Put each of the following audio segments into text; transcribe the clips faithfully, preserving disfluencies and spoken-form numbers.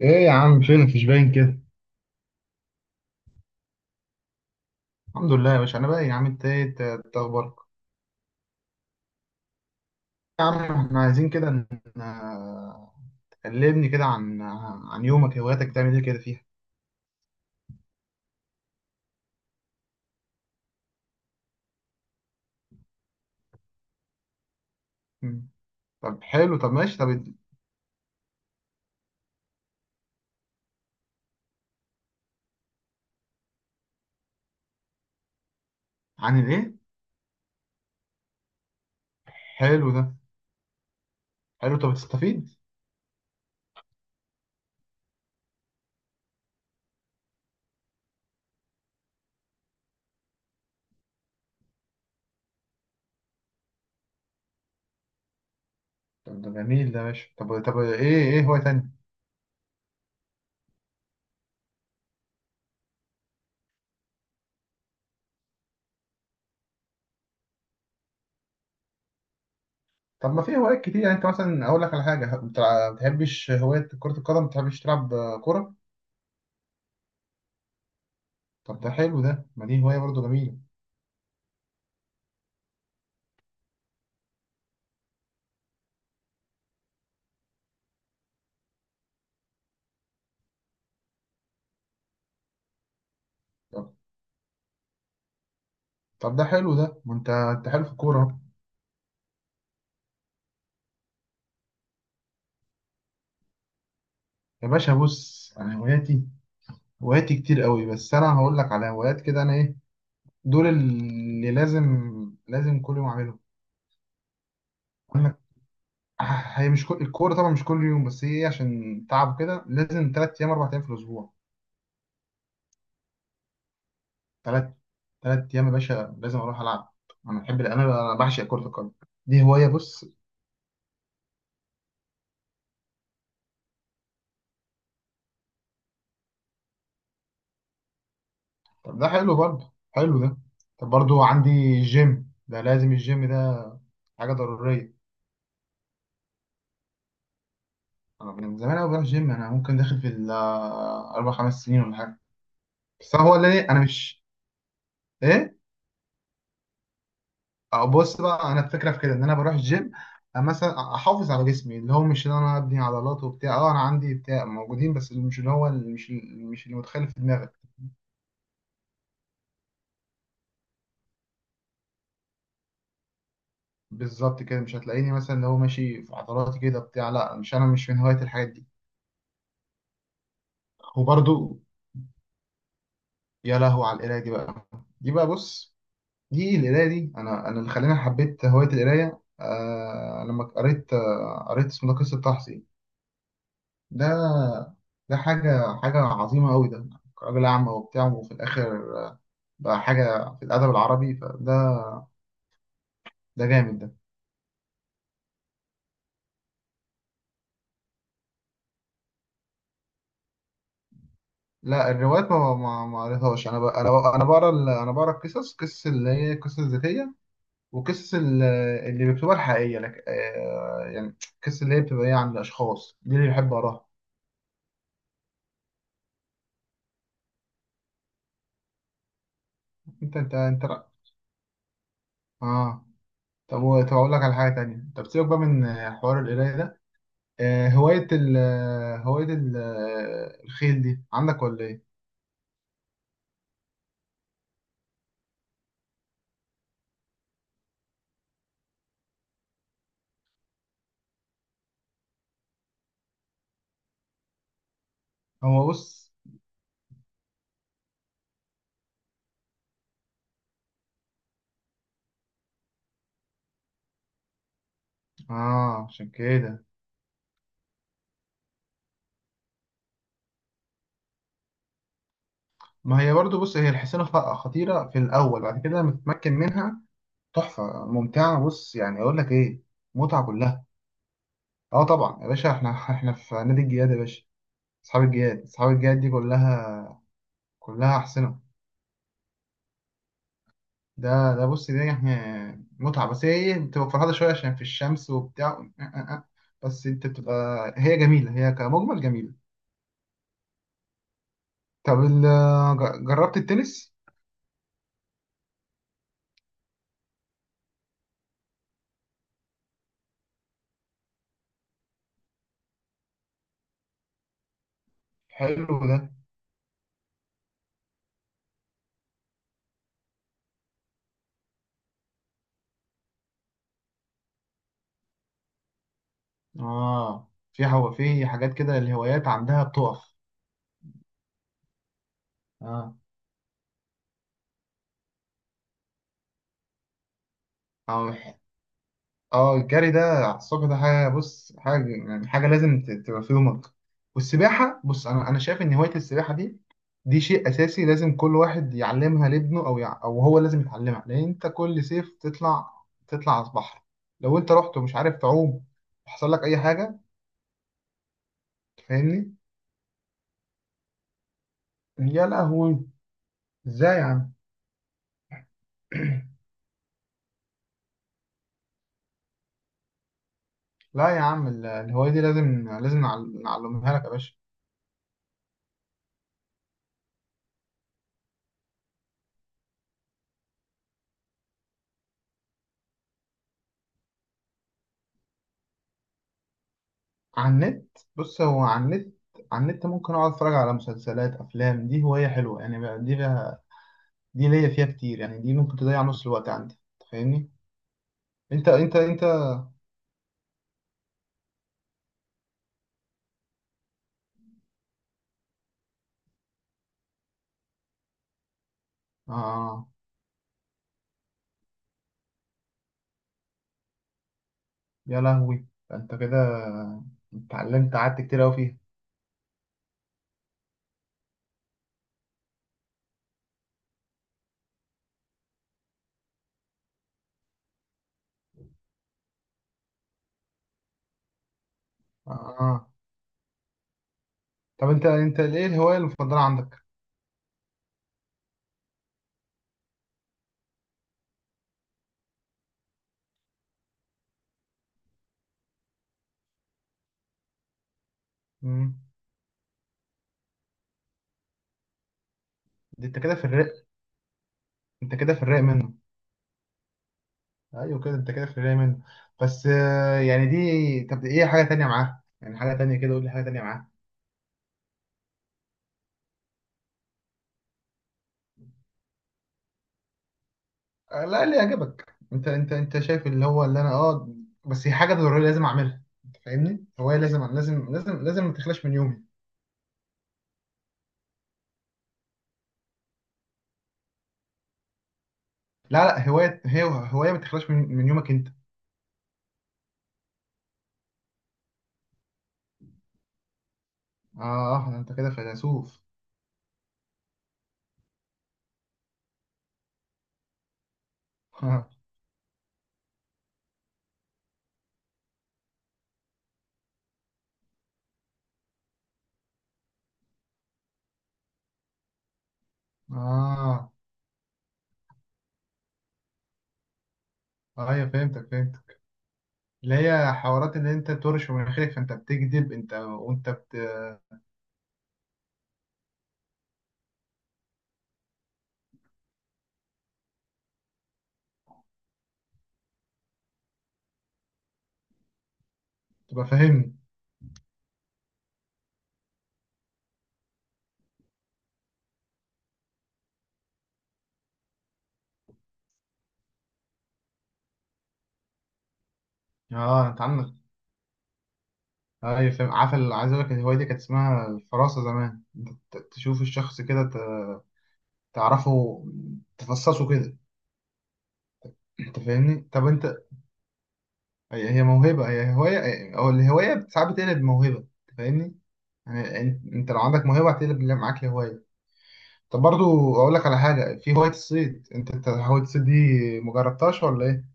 ايه يا عم، فينك؟ مش باين كده. الحمد لله يا باشا. انا بقى يا عم، انت ايه؟ إنت- إنت اخبارك؟ يا عم، احنا عايزين كده ن- آه، تكلمني كده عن عن يومك، هواياتك بتعمل ايه كده فيها؟ مم. طب حلو، طب ماشي، طب. عن الايه؟ حلو ده. حلو، طب تستفيد. طب ده جميل ده يا باشا. طب، طب ايه ايه هواية تانية؟ طب ما في هوايات كتير، يعني انت مثلا اقول لك على حاجة، بتلع- ما بتحبش هواية كرة القدم؟ ما بتحبش تلعب آه، كرة؟ طب ده حلو ده، ما دي هواية برضو جميلة. طب طب ده حلو ده، ما انت انت حلو في الكورة أهو. يا باشا، بص، انا هواياتي هواياتي كتير قوي، بس انا هقول لك على هوايات كده انا ايه، دول اللي لازم لازم كل يوم اعملهم. عندك هي مش كل الكوره طبعا، مش كل يوم، بس هي عشان تعب كده لازم تلات ايام اربع ايام في الاسبوع. تلات تلات ايام يا باشا لازم اروح العب. انا بحب انا انا بعشق كره القدم، دي هوايه. بص طب ده حلو برضه، حلو ده. طب برضه عندي جيم، ده لازم الجيم ده، حاجه ضروريه. أنا من زمان أوي بروح جيم، أنا ممكن داخل في ال آه، أربع خمس سنين ولا حاجة. بس هو اللي إيه، أنا مش إيه. أو بص بقى، أنا الفكرة في كده إن أنا بروح الجيم آه، مثلا أحافظ على جسمي، اللي هو مش إن أنا أبني عضلات وبتاع. أه أنا عندي بتاع موجودين، بس اللي مش اللي هو اللي مش مش اللي متخيل في دماغك. بالظبط كده مش هتلاقيني مثلا اللي هو ماشي في عضلاتي كده بتاع، لا مش أنا، مش من هواية الحاجات دي. وبرضو، يا لهو على القراية دي بقى دي بقى بص، دي القراية دي، أنا أنا اللي خلاني حبيت هواية القراية. آه لما قريت، آه قريت اسمه ده قصة تحصي. ده ده حاجة حاجة عظيمة أوي ده. راجل أعمى وبتاع، وفي الآخر آه، بقى حاجة في الأدب العربي. فده ده جامد ده. لا الروايات ما ما ما قريتهاش. أنا بقى أنا بقى أنا بقرا ال- أنا بقرا القصص، قصص اللي هي قصص ذاتية، وقصص ال- اللي بيكتبها الحقيقية لك، آه يعني قصص اللي هي بتبقى إيه، عن الأشخاص دي اللي بحب أقراها. أنت أنت أنت آه طب، و- طب أقول لك على حاجة تانية. طب سيبك بقى من آه، حوار القراية ده. آه، هواية ال آه، هواية ال آه، الخيل دي عندك ولا إيه؟ هو بص، آه عشان كده. ما هي برضو، بص، هي الحصانة خ- خطيرة في الأول، بعد كده لما تتمكن منها تحفة، ممتعة. بص يعني أقول لك إيه، متعة كلها. آه طبعا يا باشا، إحنا إحنا في نادي الجياد يا باشا. أصحاب الجياد، أصحاب الجياد دي كلها، كلها أحسنة. ده ده بص، دي يعني متعة، بس هي ايه، بتبقى فرهدة شوية عشان في الشمس وبتاع. بس انت بتبقى، هي جميلة، هي كمجمل جميلة. طب ال- ج- جربت التنس؟ حلو ده. اه، في هو في حاجات كده الهوايات عندها بتقف. اه. أو اه، الجري ده على الصبح، ده حاجه، بص، حاجه يعني حاجه لازم ت- تبقى في يومك. والسباحه، بص، انا انا شايف ان هوايه السباحه دي دي شيء اساسي، لازم كل واحد يعلمها لابنه، او يع... او هو لازم يتعلمها، لان انت كل صيف تطلع تطلع على البحر، لو انت رحت ومش عارف تعوم وحصل لك اي حاجه، تفهمني. يا لهوي، ازاي يا عم؟ لا يا عم، ال- الهوايه دي لازم لازم نعل- نعلمها لك يا باشا. على النت، بص، هو على النت على النت ممكن اقعد اتفرج على مسلسلات، افلام، دي هوايه حلوه يعني بقى دي بقى دي ليا فيها كتير يعني، دي ممكن تضيع نص الوقت عندي، تفهمني؟ انت انت انت اه. يا لهوي، ده انت كده اتعلمت، قعدت كتير قوي فيها. اه طب انت انت ايه الهوايه المفضله عندك؟ مم. دي انت كده في الرق. انت كده في الرق منه. ايوه كده، انت كده في الرق منه. بس آه، يعني دي، طب ايه حاجه تانية معاها؟ يعني حاجه تانية كده، قول لي حاجه تانية معاها. آه، لا، اللي يعجبك انت انت انت شايف اللي هو اللي انا اه بس هي حاجه ضروريه، لازم اعملها، انت فاهمني؟ هوايه لازم، لازم، لازم، لازم ما تخلاش من يومي. لا لا، هوايه، هي هوايه ما تخلاش من من يومك انت. اه ده انت كده فيلسوف. اه. ايوه فهمتك، فهمتك. اللي هي حوارات، اللي انت بترش من مناخيرك، فانت بتكذب انت، وانت بت... بتبقى فاهمني. اه انت عندك. ايوه فاهم، عارف ال- عايز اقول لك، الهوايه دي كانت اسمها الفراسه زمان، انت ت- تشوف الشخص كده، ت- تعرفه، تفصصه كده، انت فاهمني؟ طب انت، هي هي موهبه، هي هوايه، او الهوايه ساعات بتقلب موهبه، انت فاهمني؟ يعني انت انت لو عندك موهبه هتقلب اللي معاك لهوايه. طب برضو اقول لك على حاجه، في هوايه الصيد، انت انت هوايه الصيد دي مجربتهاش ولا ايه؟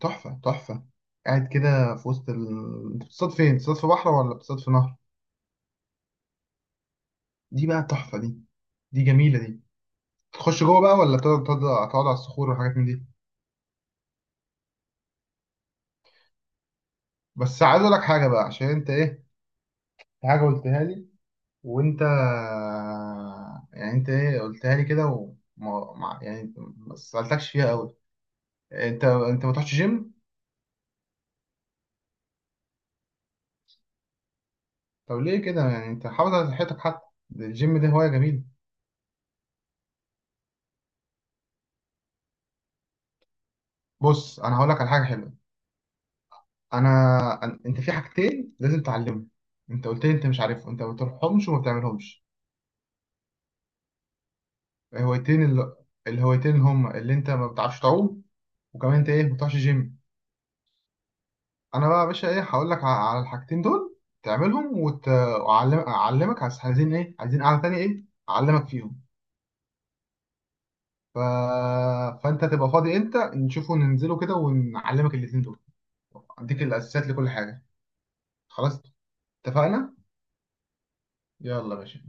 تحفه تحفه. قاعد كده في وسط ال... انت بتصطاد فين؟ بتصطاد في بحر ولا بتصطاد في نهر؟ دي بقى تحفه دي، دي جميله دي. تخش جوه بقى، ولا تقعد تقعد تقعد على الصخور وحاجات من دي؟ بس عايز اقول لك حاجه بقى، عشان انت ايه، في حاجه قلتها لي، وانت يعني انت ايه قلتها لي كده، وما ما- يعني ما سألتكش فيها قوي. انت انت ما تروحش جيم؟ طب ليه كده يعني؟ انت حافظ على صحتك حتى، ده الجيم ده هواية جميلة. بص انا هقول لك على حاجة حلوة. انا أن- انت في حاجتين لازم تعلمهم، انت قلت لي انت مش عارفهم، انت ما بتروحهمش وما بتعملهمش. الهوايتين اللي الهوايتين اللي هم، اللي انت ما بتعرفش تعوم، وكمان انت ايه، ما بتروحش جيم. انا بقى يا باشا ايه، هقول لك ع- على الحاجتين دول تعملهم، وت... وأعلم... اعلمك. عايز- عايزين ايه؟ عايزين قعده تانية، ايه، اعلمك فيهم. ف... فانت تبقى فاضي امتى؟ نشوفه، ننزله كده ونعلمك الاتنين دول. اديك الاساسيات لكل حاجه. خلاص، اتفقنا. يلا يا باشا.